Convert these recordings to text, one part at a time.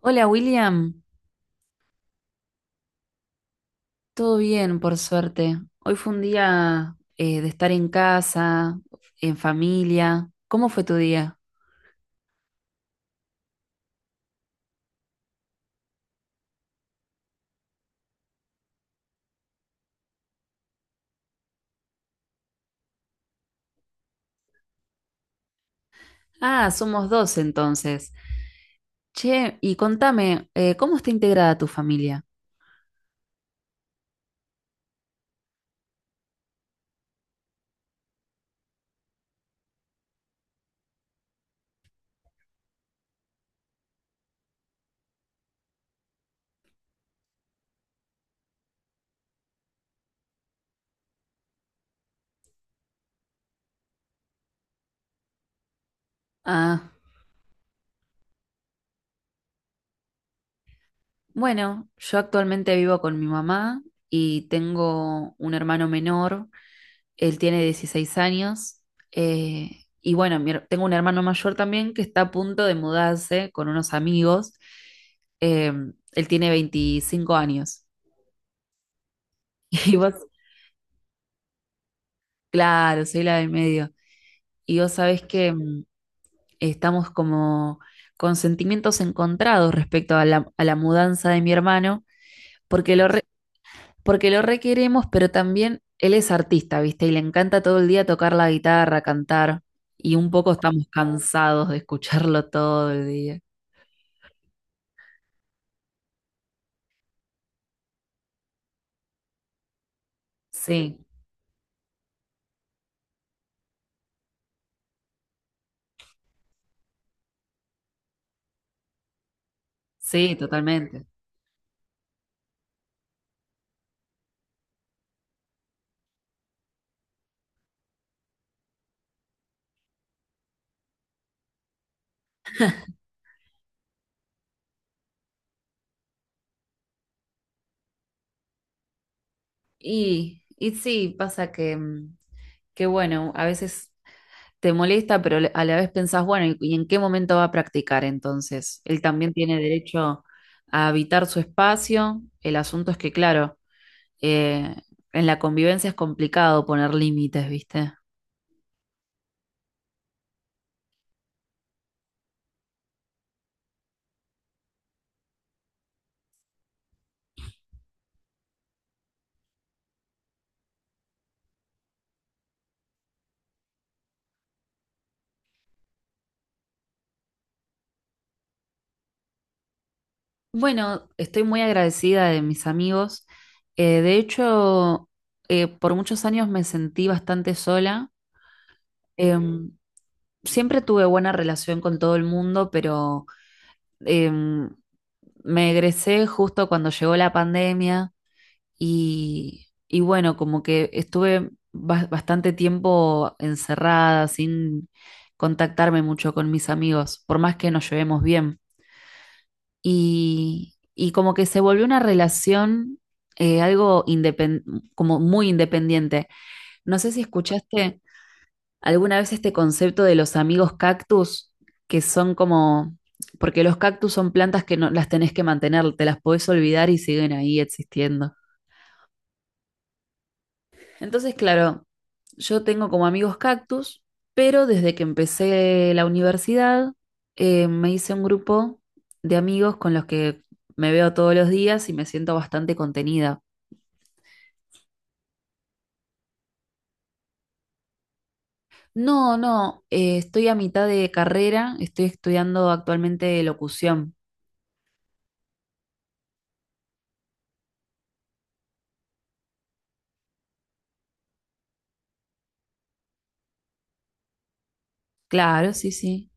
Hola William, todo bien por suerte. Hoy fue un día de estar en casa, en familia. ¿Cómo fue tu día? Ah, somos dos entonces. Che, y contame, ¿cómo está integrada tu familia? Ah, bueno, yo actualmente vivo con mi mamá y tengo un hermano menor. Él tiene 16 años. eh, y bueno, tengo un hermano mayor también que está a punto de mudarse con unos amigos. eh, Él tiene 25 años. Y vos, claro, soy la del medio. Y vos sabés que estamos como con sentimientos encontrados respecto a a la mudanza de mi hermano, porque lo porque lo requeremos, pero también él es artista, ¿viste? Y le encanta todo el día tocar la guitarra, cantar, y un poco estamos cansados de escucharlo todo el día. Sí, sí, totalmente. Y sí, pasa que, que bueno, a veces te molesta, pero a la vez pensás, bueno, ¿y, en qué momento va a practicar entonces? Él también tiene derecho a habitar su espacio. El asunto es que, claro, eh, en la convivencia es complicado poner límites, ¿viste? Bueno, estoy muy agradecida de mis amigos. De hecho, por muchos años me sentí bastante sola. Em, siempre tuve buena relación con todo el mundo, pero em, me egresé justo cuando llegó la pandemia y bueno, como que estuve bastante tiempo encerrada, sin contactarme mucho con mis amigos, por más que nos llevemos bien. Y y como que se volvió una relación algo como muy independiente. No sé si escuchaste alguna vez este concepto de los amigos cactus, que son como, porque los cactus son plantas que no las tenés que mantener, te las podés olvidar y siguen ahí existiendo. Entonces, claro, yo tengo como amigos cactus, pero desde que empecé la universidad me hice un grupo de amigos con los que me veo todos los días y me siento bastante contenida. No, no, estoy a mitad de carrera, estoy estudiando actualmente locución. Claro, sí, sí.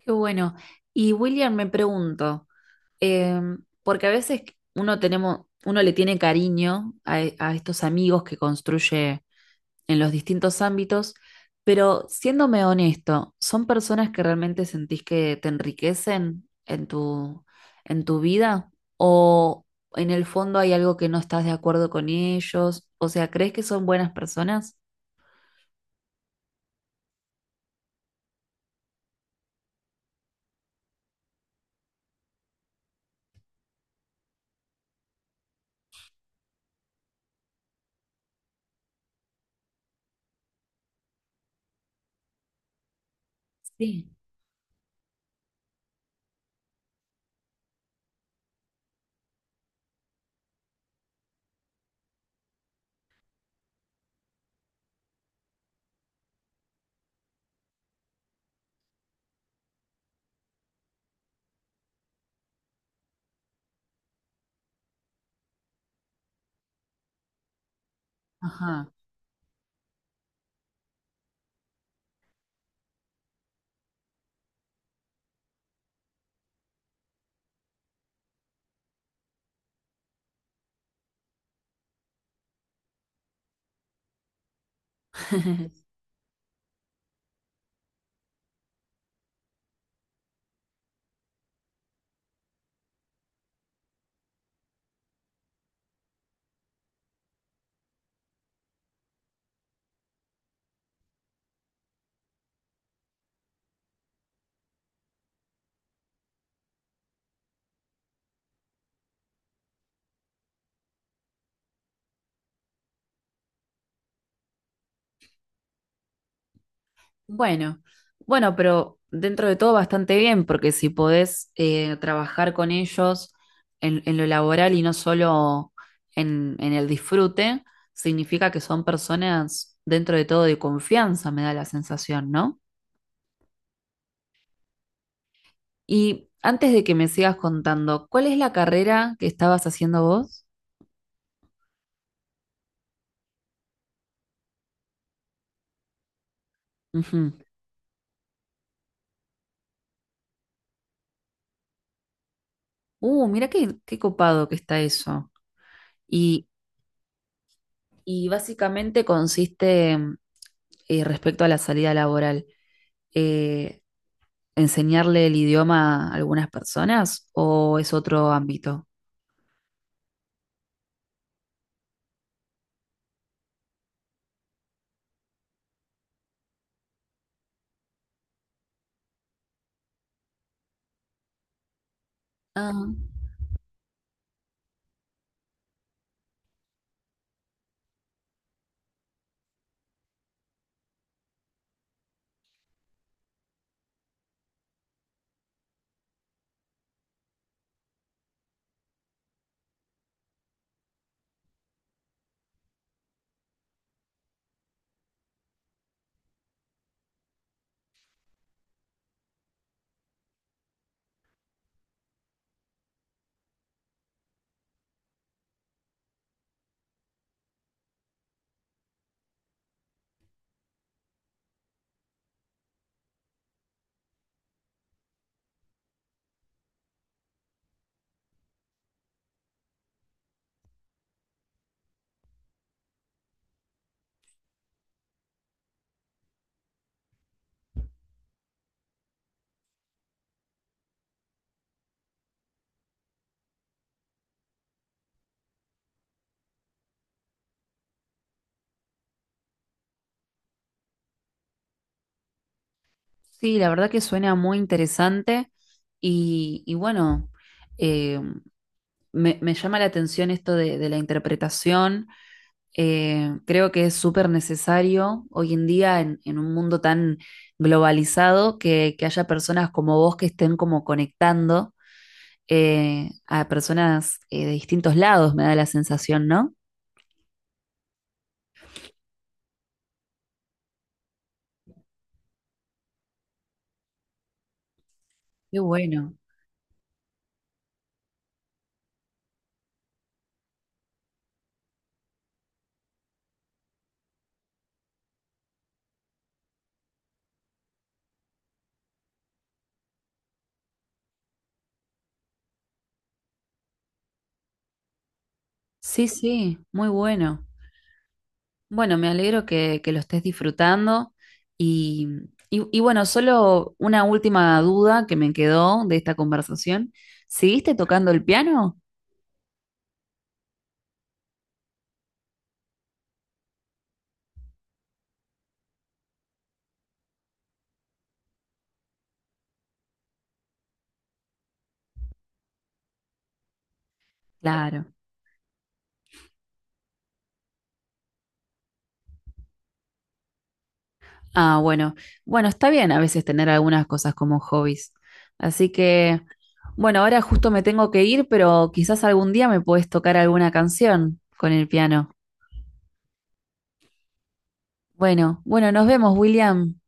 Qué bueno. Y William, me pregunto, porque a veces uno tenemos, uno le tiene cariño a a estos amigos que construye en los distintos ámbitos, pero siéndome honesto, ¿son personas que realmente sentís que te enriquecen en en tu vida? ¿O en el fondo hay algo que no estás de acuerdo con ellos? O sea, ¿crees que son buenas personas? Sí. Ajá. Bueno, bueno, pero dentro de todo bastante bien, porque si podés trabajar con ellos en lo laboral y no solo en el disfrute, significa que son personas dentro de todo de confianza, me da la sensación, ¿no? Y antes de que me sigas contando, ¿cuál es la carrera que estabas haciendo vos? Ujú. Mira qué, qué copado que está eso. Y, y básicamente consiste respecto a la salida laboral. eh, ¿Enseñarle el idioma a algunas personas o es otro ámbito? Ah, sí, la verdad que suena muy interesante y bueno, eh, me llama la atención esto de la interpretación. Creo que es súper necesario hoy en día en un mundo tan globalizado que haya personas como vos que estén como conectando a personas de distintos lados, me da la sensación, ¿no? Qué bueno. Sí, sí, muy bueno. Bueno, me alegro que lo estés disfrutando y, y bueno, solo una última duda que me quedó de esta conversación. ¿Seguiste tocando el piano? Claro. Ah, bueno. Bueno, está bien a veces tener algunas cosas como hobbies. Así que, bueno, ahora justo me tengo que ir, pero quizás algún día me puedes tocar alguna canción con el piano. Bueno, bueno, nos vemos, William.